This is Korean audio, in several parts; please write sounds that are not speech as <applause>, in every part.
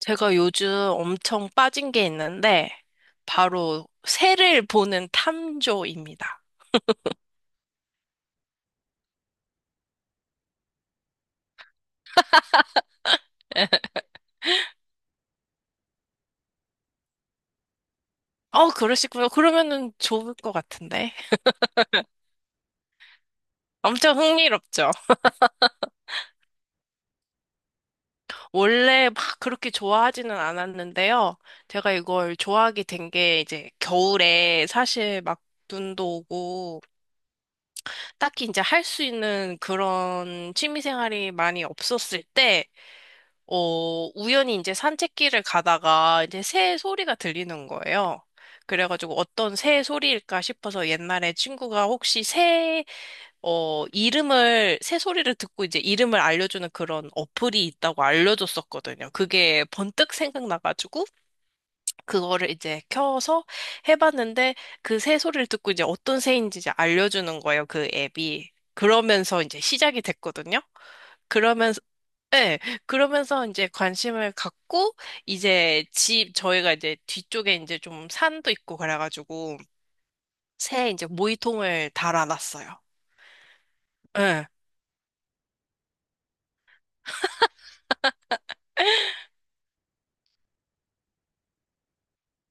제가 요즘 엄청 빠진 게 있는데, 바로 새를 보는 탐조입니다. <laughs> 그러시구나. 그러면은 좋을 것 같은데. 엄청 흥미롭죠? 원래 막 그렇게 좋아하지는 않았는데요. 제가 이걸 좋아하게 된 게 이제 겨울에 사실 막 눈도 오고, 딱히 이제 할 수 있는 그런 취미 생활이 많이 없었을 때, 우연히 이제 산책길을 가다가 이제 새 소리가 들리는 거예요. 그래가지고 어떤 새 소리일까 싶어서 옛날에 친구가 혹시 새, 이름을, 새 소리를 듣고 이제 이름을 알려주는 그런 어플이 있다고 알려줬었거든요. 그게 번뜩 생각나가지고 그거를 이제 켜서 해봤는데 그 새 소리를 듣고 이제 어떤 새인지 이제 알려주는 거예요. 그 앱이. 그러면서 이제 시작이 됐거든요. 네, 그러면서 이제 관심을 갖고, 이제 집, 저희가 이제 뒤쪽에 이제 좀 산도 있고 그래가지고, 새 이제 모이통을 달아놨어요. 네,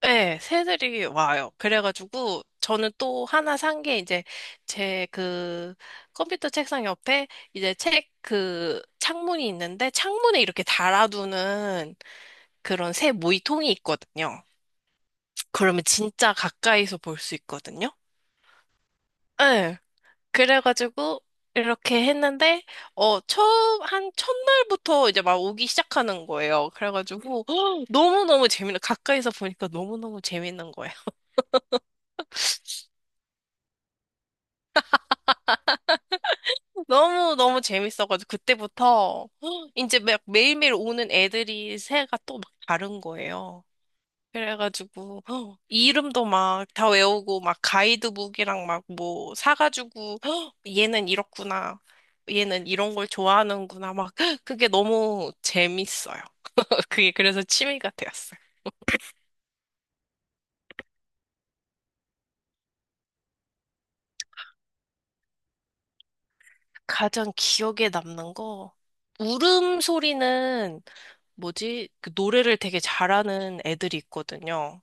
네, 새들이 와요. 그래가지고, 저는 또 하나 산 게 이제 제 그 컴퓨터 책상 옆에 이제 책 그 창문이 있는데, 창문에 이렇게 달아두는 그런 새 모이통이 있거든요. 그러면 진짜 가까이서 볼 수 있거든요. 예. 그래가지고 이렇게 했는데 처음 한 첫날부터 이제 막 오기 시작하는 거예요. 그래가지고 <gasps> 너무너무 재밌는 가까이서 보니까 너무너무 재밌는 거예요. <laughs> 너무너무 재밌어가지고 그때부터 <gasps> 이제 막 매일매일 오는 애들이 새가 또 막 다른 거예요. 그래가지고 헉, 이름도 막 다 외우고 막 가이드북이랑 막 뭐 사가지고 헉, 얘는 이렇구나. 얘는 이런 걸 좋아하는구나. 막 헉, 그게 너무 재밌어요. <laughs> 그게 그래서 취미가 되었어요. 가장 기억에 남는 거 울음소리는 뭐지? 그 노래를 되게 잘하는 애들이 있거든요.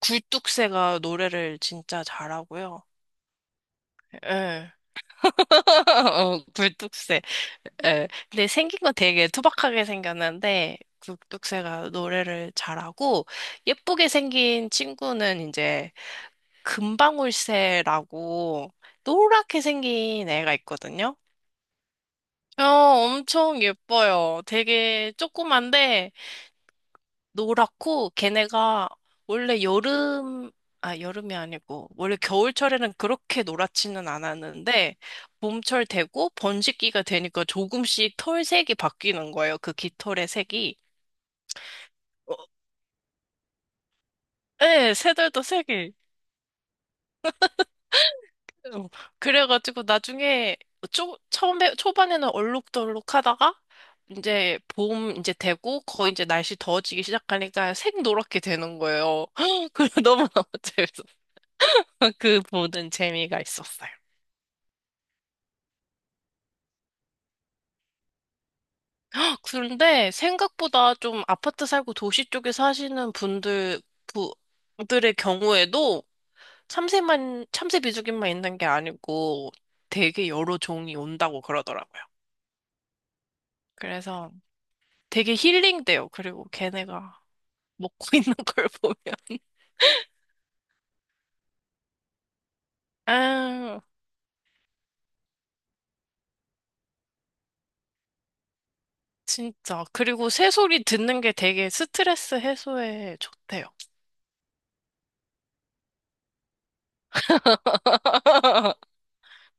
굴뚝새가 노래를 진짜 잘하고요. 예. <laughs> 굴뚝새. 예. 근데 생긴 건 되게 투박하게 생겼는데 굴뚝새가 노래를 잘하고 예쁘게 생긴 친구는 이제 금방울새라고 노랗게 생긴 애가 있거든요. 엄청 예뻐요. 되게 조그만데 노랗고 걔네가 원래 여름 아 여름이 아니고 원래 겨울철에는 그렇게 노랗지는 않았는데 봄철 되고 번식기가 되니까 조금씩 털색이 바뀌는 거예요. 그 깃털의 색이. 어, 네, 새들도 색이. 어, 그래가지고 나중에 처음에 초반에는 얼룩덜룩 하다가 이제 봄 이제 되고 거의 이제 날씨 더워지기 시작하니까 색 노랗게 되는 거예요. <gasps> <laughs> 그래 너무너무 재밌어. <laughs> 그 보는 재미가 있었어요. 아, 그런데 생각보다 좀 아파트 살고 도시 쪽에 사시는 분들의 경우에도 참새 비둘기만 있는 게 아니고 되게 여러 종이 온다고 그러더라고요. 그래서 되게 힐링돼요. 그리고 걔네가 먹고 <laughs> 있는 걸 보면. 아, 진짜. 그리고 새소리 듣는 게 되게 스트레스 해소에 좋대요.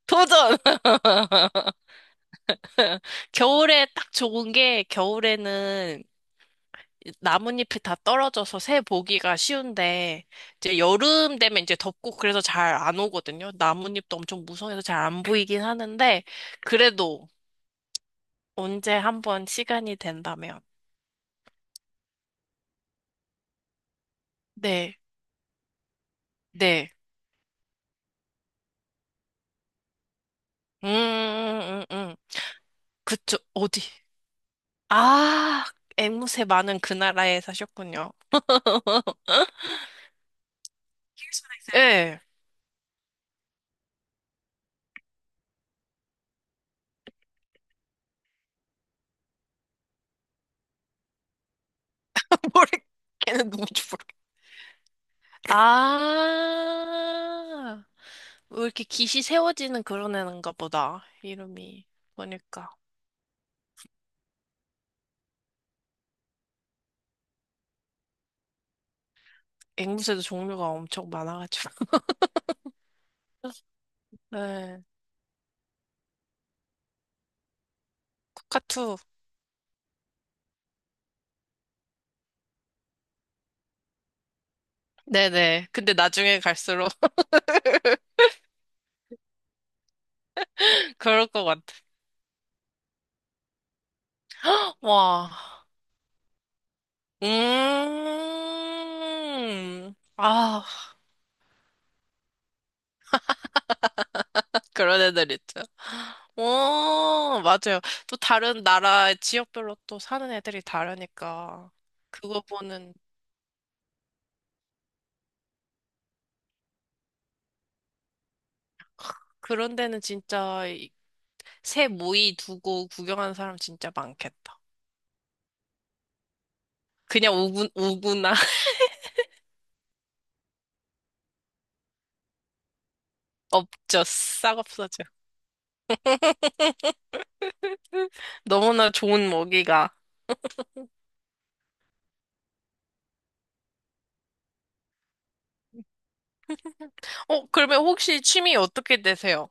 도전! <laughs> 겨울에 딱 좋은 게 겨울에는 나뭇잎이 다 떨어져서 새 보기가 쉬운데 이제 여름 되면 이제 덥고 그래서 잘 안 오거든요. 나뭇잎도 엄청 무성해서 잘 안 보이긴 하는데 그래도 언제 한번 시간이 된다면 네, 네, 음, 음, 음, 음. 그쵸, 어디? 아, 앵무새 많은 그 나라에 사셨군요. 예. <laughs> 모르겠는 누군지 모르겠. 아, 왜 이렇게 깃이 세워지는 그런 애인가 보다. 이름이 보니까. 앵무새도 종류가 엄청 많아가지고. <laughs> 네, 코카투. 네네. 근데 나중에 갈수록 <laughs> 그럴 것 같아. <gasps> 와. 음. 아, 그런 애들 있죠. 오, 맞아요. 또 다른 나라 지역별로 또 사는 애들이 다르니까. 그거 보는, 그런 데는 진짜 새 모이 두고 구경하는 사람 진짜 많겠다. 그냥 오구나. <laughs> 없죠. 싹 없어져. <laughs> 너무나 좋은 먹이가. 어, 그러면 혹시 취미 어떻게 되세요?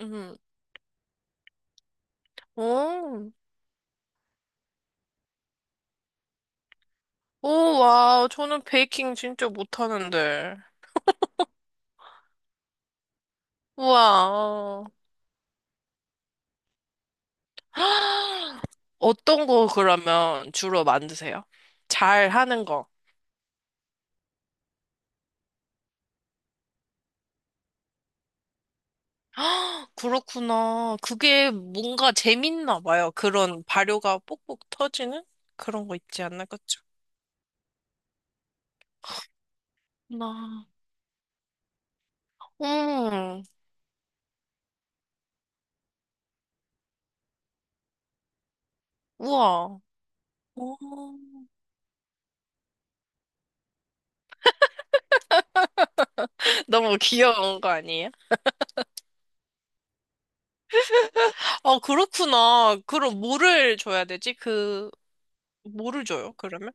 음. 오, 오, 와, 저는 베이킹 진짜 못하는데. 우와. <gasps> 어떤 거 그러면 주로 만드세요? 잘 하는 거. <gasps> 그렇구나. 그게 뭔가 재밌나 봐요. 그런 발효가 뽁뽁 터지는 그런 거 있지 않나, 그쵸? 나. 음, 우와. 오. <laughs> 너무 귀여운 거 아니에요? 아, 그렇구나. 그럼 뭐를 줘야 되지? 그, 뭐를 줘요, 그러면?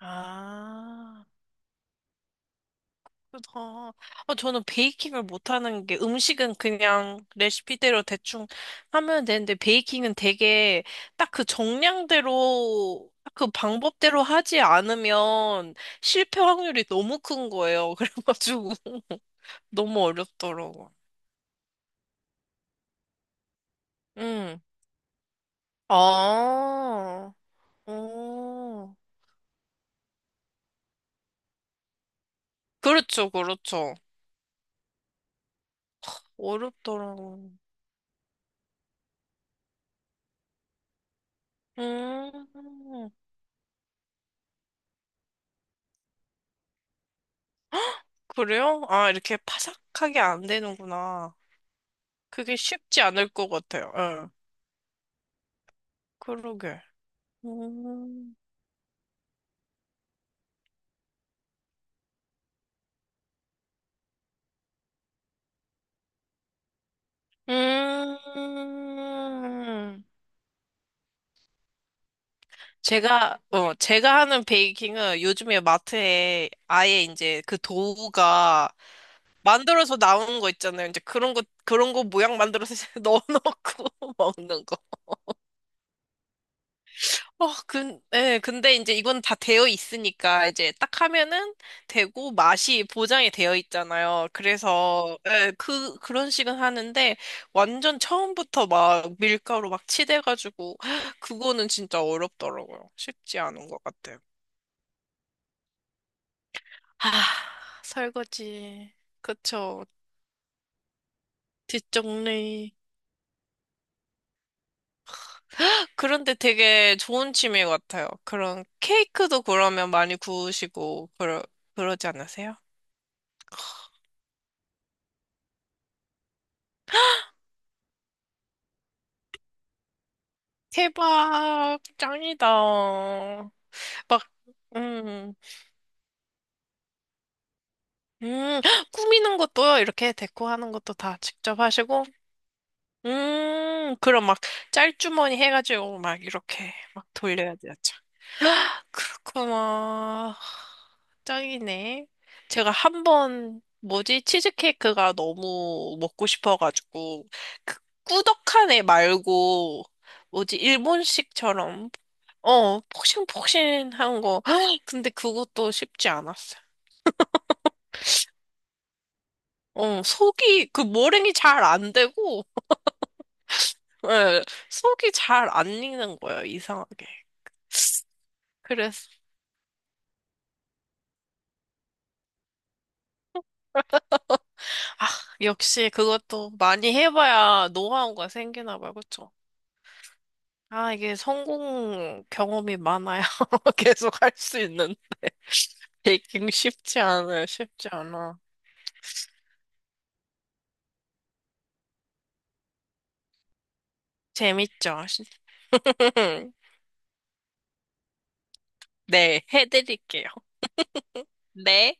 아, 그렇다. 아, 저는 베이킹을 못하는 게 음식은 그냥 레시피대로 대충 하면 되는데 베이킹은 되게 딱 그 정량대로, 딱그 방법대로 하지 않으면 실패 확률이 너무 큰 거예요. <laughs> 그래가지고 너무 어렵더라고. 응. 아, 오. 그렇죠, 그렇죠. 어렵더라고. 음, 그래요? 아, 이렇게 파삭하게 안 되는구나. 그게 쉽지 않을 것 같아요. 예, 그러게. 음, 음, 제가 하는 베이킹은 요즘에 마트에 아예 이제 그 도우가 만들어서 나오는 거 있잖아요. 이제 그런 거, 그런 거 모양 만들어서 <laughs> 넣어놓고 <laughs> 먹는 거. 예, 근데 이제 이건 다 되어 있으니까 이제 딱 하면은 되고 맛이 보장이 되어 있잖아요. 그래서 예, 그런 식은 하는데 완전 처음부터 막 밀가루 막 치대가지고 <gasps> 그거는 진짜 어렵더라고요. 쉽지 않은 것 같아요. 아, 설거지. 그쵸. 뒷정리. 그런데 되게 좋은 취미 같아요. 그런 케이크도 그러면 많이 구우시고 그러, 그러지 않으세요? 대박, 짱이다. 막, 음, 음, <gasps> 꾸미는 것도요, 이렇게 데코하는 것도 다 직접 하시고, 그럼 막 짤주머니 해가지고 막 이렇게 막 돌려야 되죠. 그렇구나. 짱이네. 제가 한 번, 뭐지, 치즈케이크가 너무 먹고 싶어가지고, 그 꾸덕한 애 말고, 뭐지, 일본식처럼 어, 폭신폭신한 거. <gasps> 근데 그것도 쉽지 않았어요. 그 머랭이 잘 안 되고, <laughs> 예, 속이 잘 안 익는 거예요, 이상하게. 그래서, 아, 역시 그것도 많이 해봐야 노하우가 생기나 봐요, 그쵸? 아, 이게 성공 경험이 많아야 <laughs> 계속 할 수 있는 베이킹 쉽지 않아요, 쉽지 않아. 재밌죠? <laughs> 네, 해드릴게요. 네.